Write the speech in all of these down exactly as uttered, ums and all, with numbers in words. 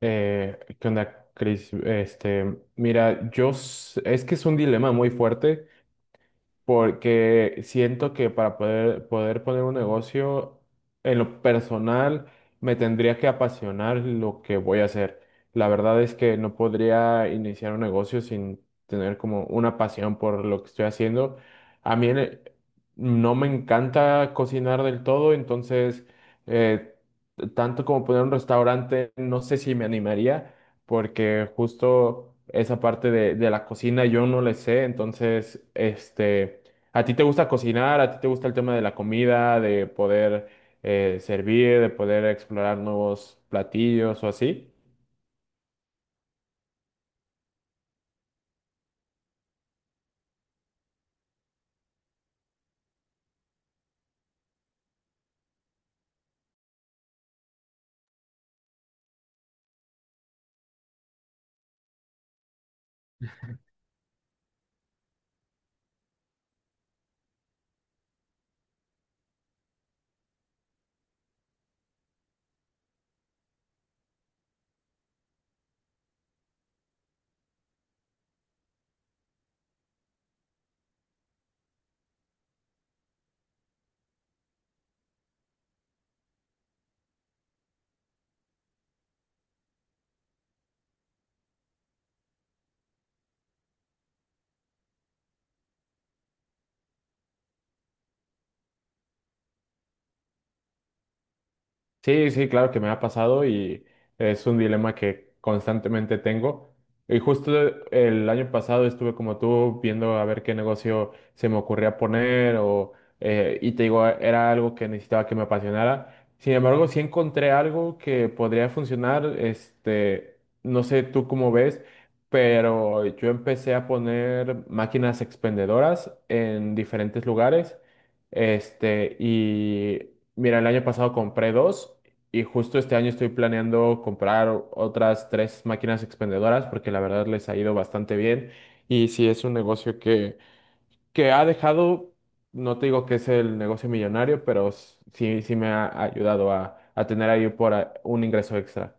Eh, ¿qué onda, Chris? Este, mira, yo s- es que es un dilema muy fuerte porque siento que para poder, poder poner un negocio en lo personal me tendría que apasionar lo que voy a hacer. La verdad es que no podría iniciar un negocio sin tener como una pasión por lo que estoy haciendo. A mí eh, no me encanta cocinar del todo, entonces eh, tanto como poner un restaurante, no sé si me animaría porque justo esa parte de, de la cocina yo no le sé, entonces, este, ¿a ti te gusta cocinar? ¿A ti te gusta el tema de la comida, de poder eh, servir, de poder explorar nuevos platillos o así? Sí, sí, claro que me ha pasado y es un dilema que constantemente tengo. Y justo el año pasado estuve como tú viendo a ver qué negocio se me ocurría poner o, eh, y te digo, era algo que necesitaba que me apasionara. Sin embargo, sí encontré algo que podría funcionar, este, no sé tú cómo ves, pero yo empecé a poner máquinas expendedoras en diferentes lugares. Este, y mira, el año pasado compré dos y justo este año estoy planeando comprar o- otras tres máquinas expendedoras porque la verdad les ha ido bastante bien y sí es un negocio que, que ha dejado, no te digo que es el negocio millonario, pero s- sí, sí me ha ayudado a, a tener ahí por a- un ingreso extra.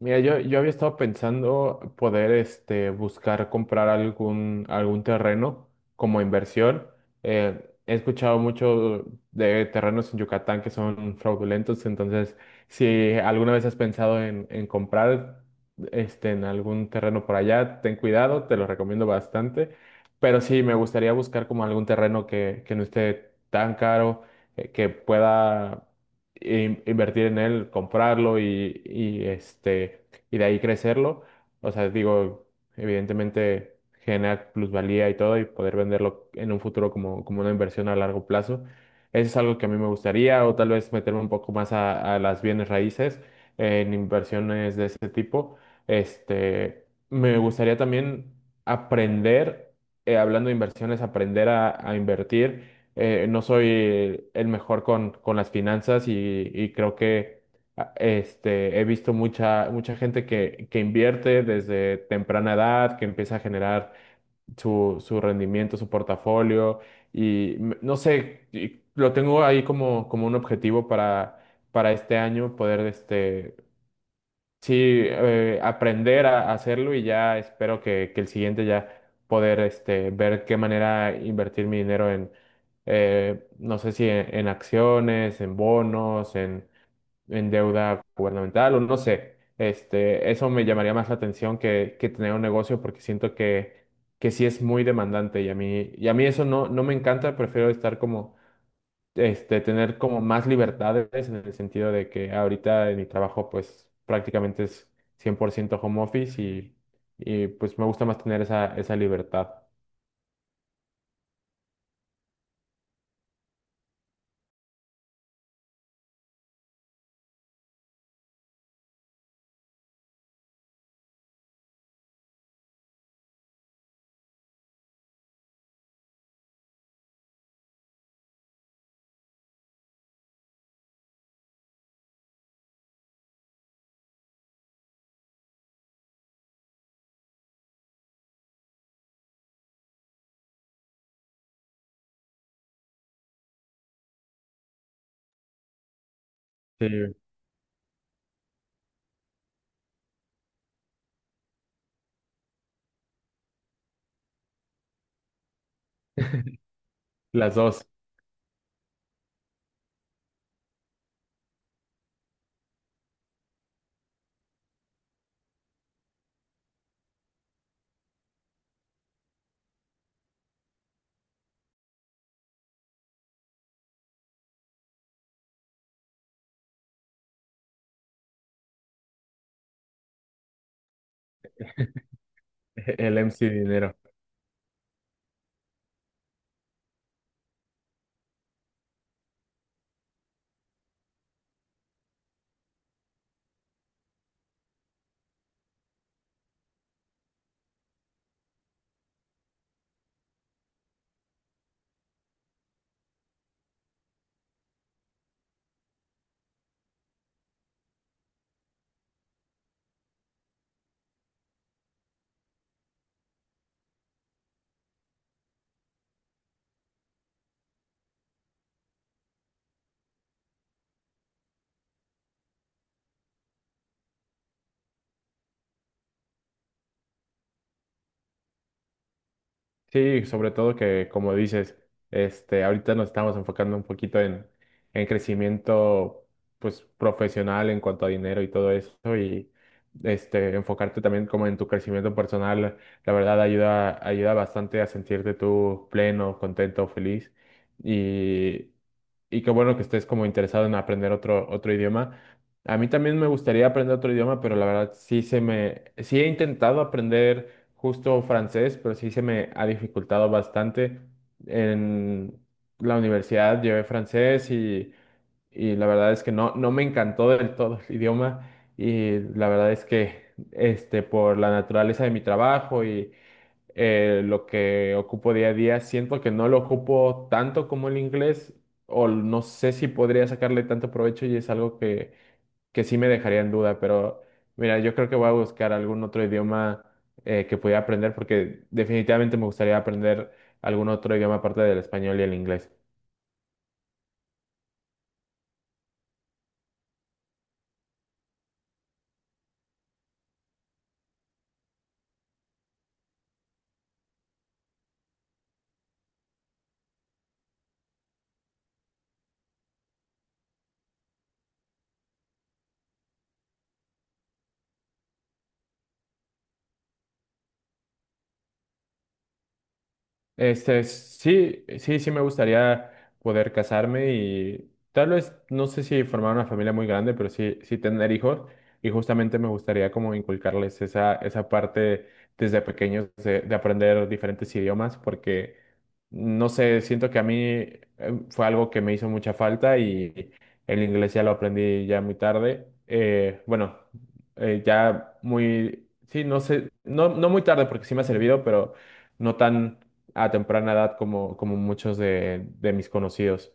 Mira, yo, yo había estado pensando poder este, buscar comprar algún, algún terreno como inversión. Eh, He escuchado mucho de terrenos en Yucatán que son fraudulentos, entonces si alguna vez has pensado en, en comprar este, en algún terreno por allá, ten cuidado, te lo recomiendo bastante. Pero sí, me gustaría buscar como algún terreno que, que no esté tan caro, eh, que pueda in- invertir en él, comprarlo y, y, este, y de ahí crecerlo. O sea, digo, evidentemente generar plusvalía y todo y poder venderlo en un futuro como, como una inversión a largo plazo. Eso es algo que a mí me gustaría, o tal vez meterme un poco más a, a las bienes raíces en inversiones de ese tipo. Este, me gustaría también aprender, eh, hablando de inversiones, aprender a a invertir. Eh, no soy el mejor con, con las finanzas y, y creo que a- este, he visto mucha, mucha gente que, que invierte desde temprana edad, que empieza a generar su, su rendimiento, su portafolio y m- no sé, y lo tengo ahí como, como un objetivo para, para este año poder este, sí, eh, aprender a a hacerlo y ya espero que, que el siguiente ya poder este, ver qué manera invertir mi dinero en, eh, no sé si en, en acciones, en bonos, en, en deuda gubernamental o no sé. Este, eso me llamaría más la atención que, que tener un negocio porque siento que, que sí es muy demandante y a mí, y a mí eso no, no me encanta, prefiero estar como este, tener como más libertades en el sentido de que ahorita en mi trabajo pues prácticamente es cien por ciento home office y, y pues me gusta más tener esa, esa libertad. Sí, las dos, el M C dinero. Sí, sobre todo que, como dices, este, ahorita nos estamos enfocando un poquito en, en crecimiento, pues, profesional en cuanto a dinero y todo eso, y este, enfocarte también como en tu crecimiento personal, la verdad ayuda, ayuda bastante a sentirte tú pleno, contento, feliz, y y qué bueno que estés como interesado en aprender otro, otro idioma. A mí también me gustaría aprender otro idioma, pero la verdad sí se me, sí he intentado aprender justo francés, pero sí se me ha dificultado bastante. En la universidad llevé francés y, y la verdad es que no, no me encantó del todo el idioma y la verdad es que este, por la naturaleza de mi trabajo y eh, lo que ocupo día a día. Siento que no lo ocupo tanto como el inglés, o no sé si podría sacarle tanto provecho y es algo que, que sí me dejaría en duda, pero mira, yo creo que voy a buscar algún otro idioma eh, que pudiera aprender porque definitivamente me gustaría aprender algún otro idioma aparte del español y el inglés. Este, sí, sí, sí me gustaría poder casarme y tal vez, no sé si formar una familia muy grande, pero sí, sí tener hijos y justamente me gustaría como inculcarles esa, esa parte desde pequeños de, de aprender diferentes idiomas porque, no sé, siento que a mí eh, fue algo que me hizo mucha falta y el inglés ya lo aprendí ya muy tarde. Eh, bueno, eh, ya muy, sí, no sé, no, no muy tarde porque sí me ha servido, pero no tan a temprana edad como, como muchos de, de mis conocidos.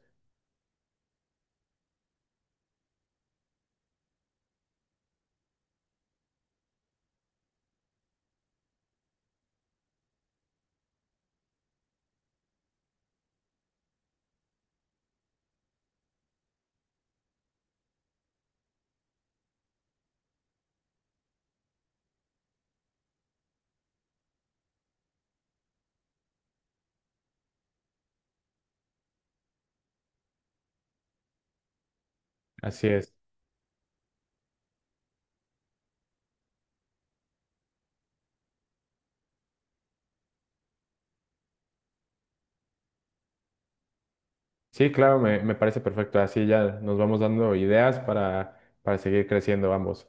Así es. Sí, claro, me, me parece perfecto. Así ya nos vamos dando ideas para, para seguir creciendo ambos.